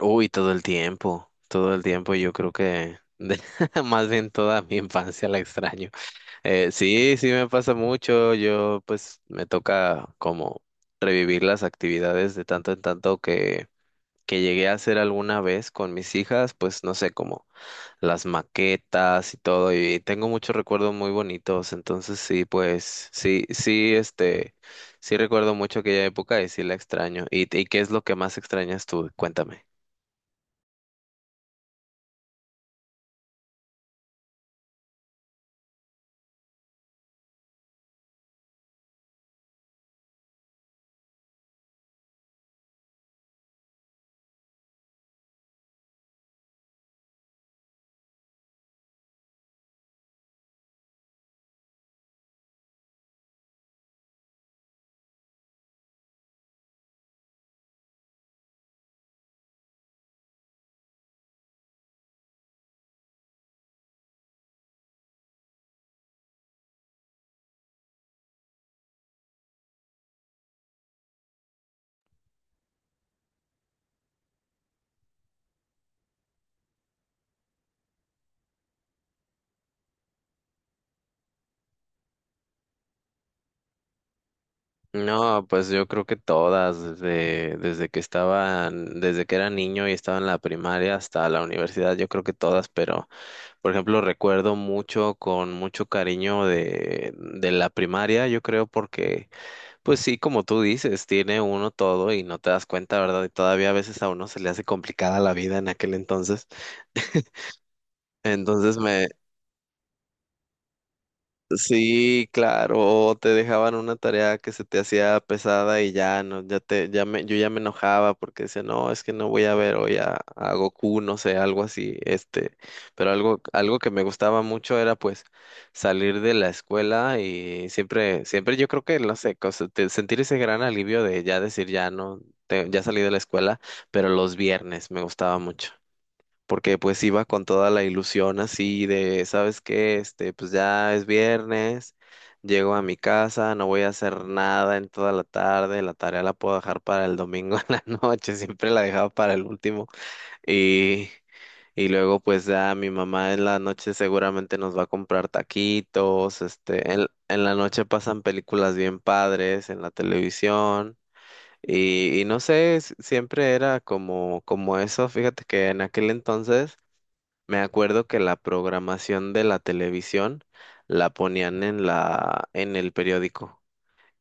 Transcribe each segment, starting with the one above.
Uy, todo el tiempo yo creo que más bien toda mi infancia la extraño. Sí, me pasa mucho, yo pues me toca como revivir las actividades de tanto en tanto que llegué a hacer alguna vez con mis hijas, pues no sé, como las maquetas y todo, y tengo muchos recuerdos muy bonitos, entonces sí, pues sí, sí, sí recuerdo mucho aquella época y sí la extraño. Y qué es lo que más extrañas tú? Cuéntame. No, pues yo creo que todas, desde que estaban, desde que era niño y estaba en la primaria hasta la universidad, yo creo que todas, pero por ejemplo recuerdo mucho con mucho cariño de la primaria, yo creo porque, pues sí, como tú dices, tiene uno todo y no te das cuenta, ¿verdad? Y todavía a veces a uno se le hace complicada la vida en aquel entonces. Entonces me, Sí, claro, o te dejaban una tarea que se te hacía pesada y ya no, ya te, ya me, yo ya me enojaba porque decía, no, es que no voy a ver hoy a Goku, no sé, algo así, pero algo que me gustaba mucho era pues salir de la escuela y siempre, siempre yo creo que, no sé, sentir ese gran alivio de ya decir, ya no, ya salí de la escuela, pero los viernes me gustaba mucho porque pues iba con toda la ilusión así de, ¿sabes qué? Pues ya es viernes, llego a mi casa, no voy a hacer nada en toda la tarde, la tarea la puedo dejar para el domingo en la noche, siempre la dejaba para el último. Y y luego pues ya mi mamá en la noche seguramente nos va a comprar taquitos, en la noche pasan películas bien padres en la televisión. Y no sé, siempre era como, como eso, fíjate que en aquel entonces me acuerdo que la programación de la televisión la ponían en en el periódico.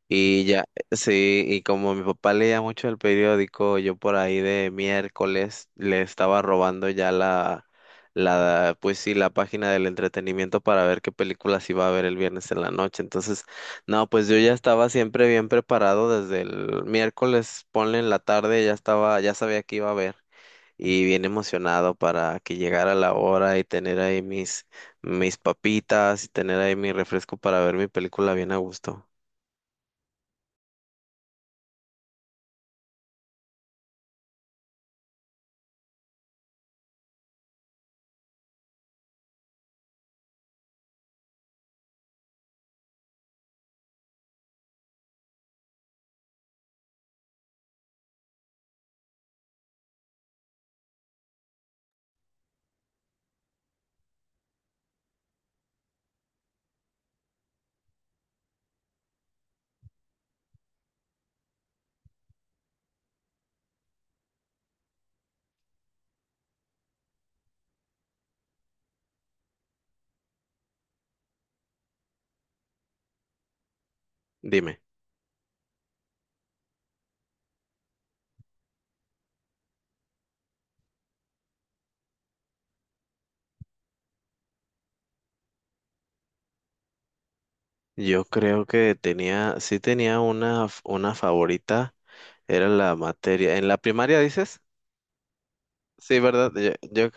Y ya, sí, y como mi papá leía mucho el periódico, yo por ahí de miércoles le estaba robando ya pues sí, la página del entretenimiento para ver qué películas iba a ver el viernes en la noche. Entonces, no, pues yo ya estaba siempre bien preparado desde el miércoles, ponle en la tarde, ya estaba, ya sabía que iba a ver y bien emocionado para que llegara la hora y tener ahí mis papitas y tener ahí mi refresco para ver mi película bien a gusto. Dime, yo creo que tenía, sí tenía una, una favorita, era la materia. ¿En la primaria dices? Sí, ¿verdad?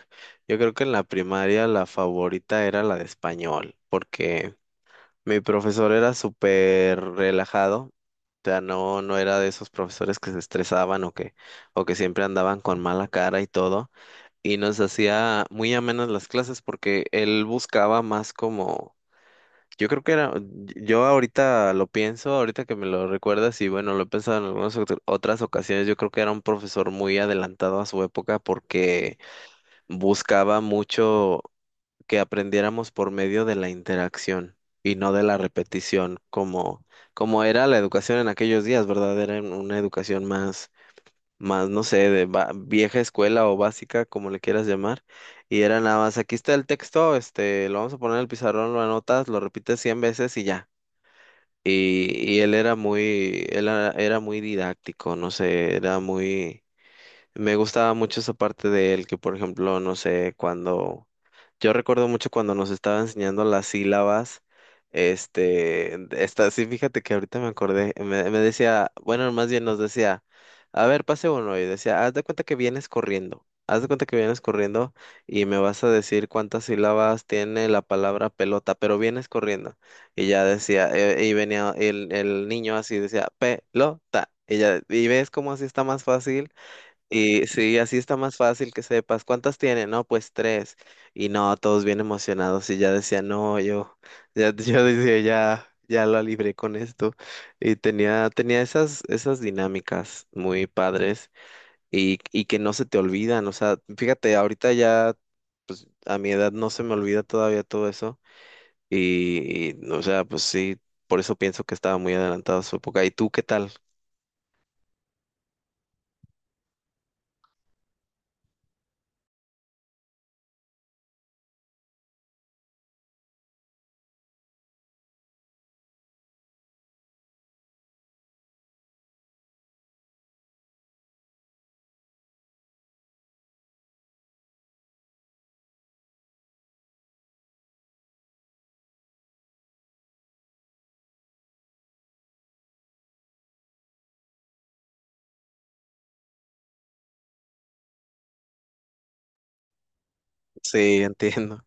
Yo creo que en la primaria la favorita era la de español, porque mi profesor era súper relajado, o sea, no, no era de esos profesores que se estresaban o que siempre andaban con mala cara y todo, y nos hacía muy amenas las clases porque él buscaba más como, yo creo que era, yo ahorita lo pienso, ahorita que me lo recuerdas y bueno, lo he pensado en algunas otras ocasiones, yo creo que era un profesor muy adelantado a su época porque buscaba mucho que aprendiéramos por medio de la interacción y no de la repetición, como era la educación en aquellos días, ¿verdad? Era una educación más, más, no sé, de vieja escuela o básica, como le quieras llamar, y era nada más, aquí está el texto, lo vamos a poner en el pizarrón, lo anotas, lo repites 100 veces y ya. Y él era muy, él era, era muy didáctico, no sé, era muy, me gustaba mucho esa parte de él, que por ejemplo, no sé, cuando yo recuerdo mucho cuando nos estaba enseñando las sílabas, este, sí, fíjate que ahorita me acordé, me decía, bueno, más bien nos decía, a ver, pase uno, y decía, haz de cuenta que vienes corriendo, haz de cuenta que vienes corriendo y me vas a decir cuántas sílabas tiene la palabra pelota, pero vienes corriendo, y ya decía, y venía el niño así, decía, pelota, y ya, y ves cómo así está más fácil. Y sí, así está más fácil que sepas. ¿Cuántas tiene? No, pues tres. Y no, todos bien emocionados y ya decía, no, yo, ya, yo decía, ya, ya la libré con esto. Y tenía, tenía esas, esas dinámicas muy padres y que no se te olvidan. O sea, fíjate, ahorita ya a mi edad no se me olvida todavía todo eso. Y, o sea, pues sí, por eso pienso que estaba muy adelantado a su época. ¿Y tú qué tal? Sí, entiendo.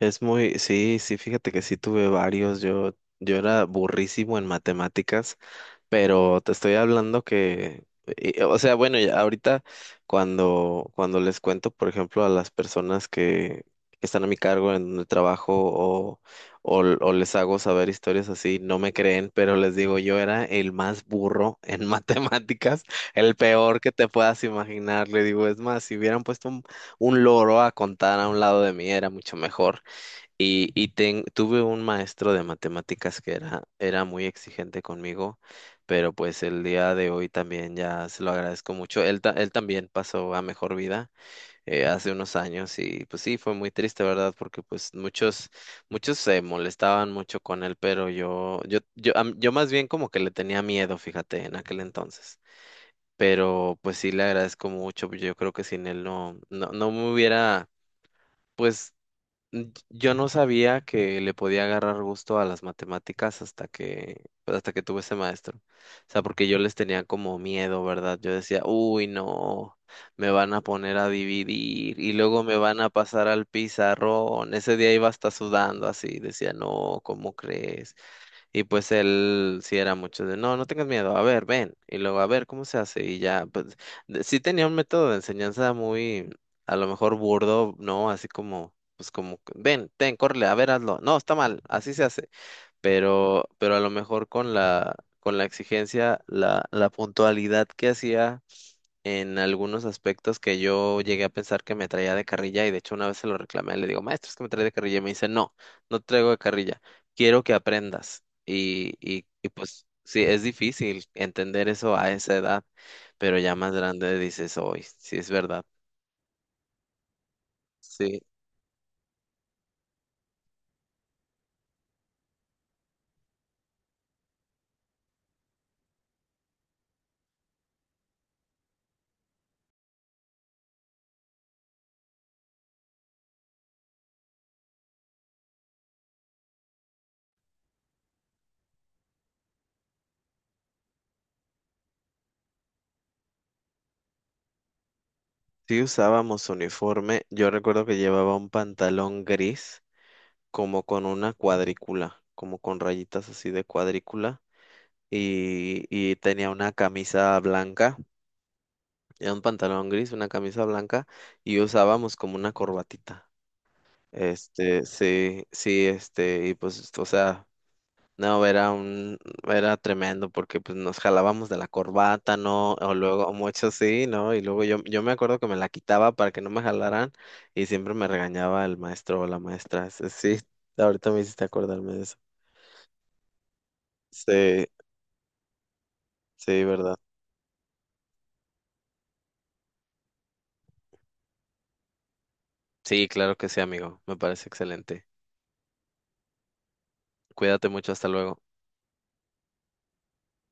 Es muy, sí, sí, fíjate que sí tuve varios. Yo era burrísimo en matemáticas, pero te estoy hablando o sea, bueno, ya ahorita cuando les cuento, por ejemplo, a las personas que están a mi cargo en el trabajo o les hago saber historias así, no me creen, pero les digo, yo era el más burro en matemáticas, el peor que te puedas imaginar. Le digo, es más, si hubieran puesto un loro a contar a un lado de mí, era mucho mejor. Y tuve un maestro de matemáticas que era, era muy exigente conmigo, pero pues el día de hoy también ya se lo agradezco mucho. Él, él también pasó a mejor vida, hace unos años y pues sí, fue muy triste, ¿verdad? Porque pues muchos se molestaban mucho con él, pero yo más bien como que le tenía miedo, fíjate, en aquel entonces. Pero pues sí le agradezco mucho, yo creo que sin él no me hubiera pues. Mm, yo no sabía que le podía agarrar gusto a las matemáticas hasta pues, hasta que tuve ese maestro. O sea, porque yo les tenía como miedo, ¿verdad? Yo decía, uy, no, me van a poner a dividir y luego me van a pasar al pizarrón. Ese día iba hasta sudando así, decía, no, ¿cómo crees? Y pues él sí era mucho de, no, no tengas miedo, a ver, ven, y luego a ver cómo se hace, y ya, pues sí tenía un método de enseñanza muy, a lo mejor burdo, ¿no? Así como, pues como, ven, ten, córrele, a ver, hazlo, no, está mal, así se hace, pero a lo mejor con con la exigencia, la puntualidad que hacía en algunos aspectos que yo llegué a pensar que me traía de carrilla y de hecho una vez se lo reclamé, le digo, maestro, es que me trae de carrilla y me dice, no, no te traigo de carrilla, quiero que aprendas. Y pues sí, es difícil entender eso a esa edad, pero ya más grande dices, hoy, sí es verdad. Sí, sí usábamos uniforme, yo recuerdo que llevaba un pantalón gris como con una cuadrícula, como con rayitas así de cuadrícula. Y tenía una camisa blanca. Era un pantalón gris, una camisa blanca y usábamos como una corbatita. Sí, sí, y pues, o sea, no, era un, era tremendo porque pues nos jalábamos de la corbata, ¿no? O luego, mucho sí, ¿no? Y luego yo me acuerdo que me la quitaba para que no me jalaran y siempre me regañaba el maestro o la maestra. Sí, sí, ahorita me hiciste acordarme de eso. Sí, sí, ¿verdad? Sí, claro que sí, amigo. Me parece excelente. Cuídate mucho, hasta luego.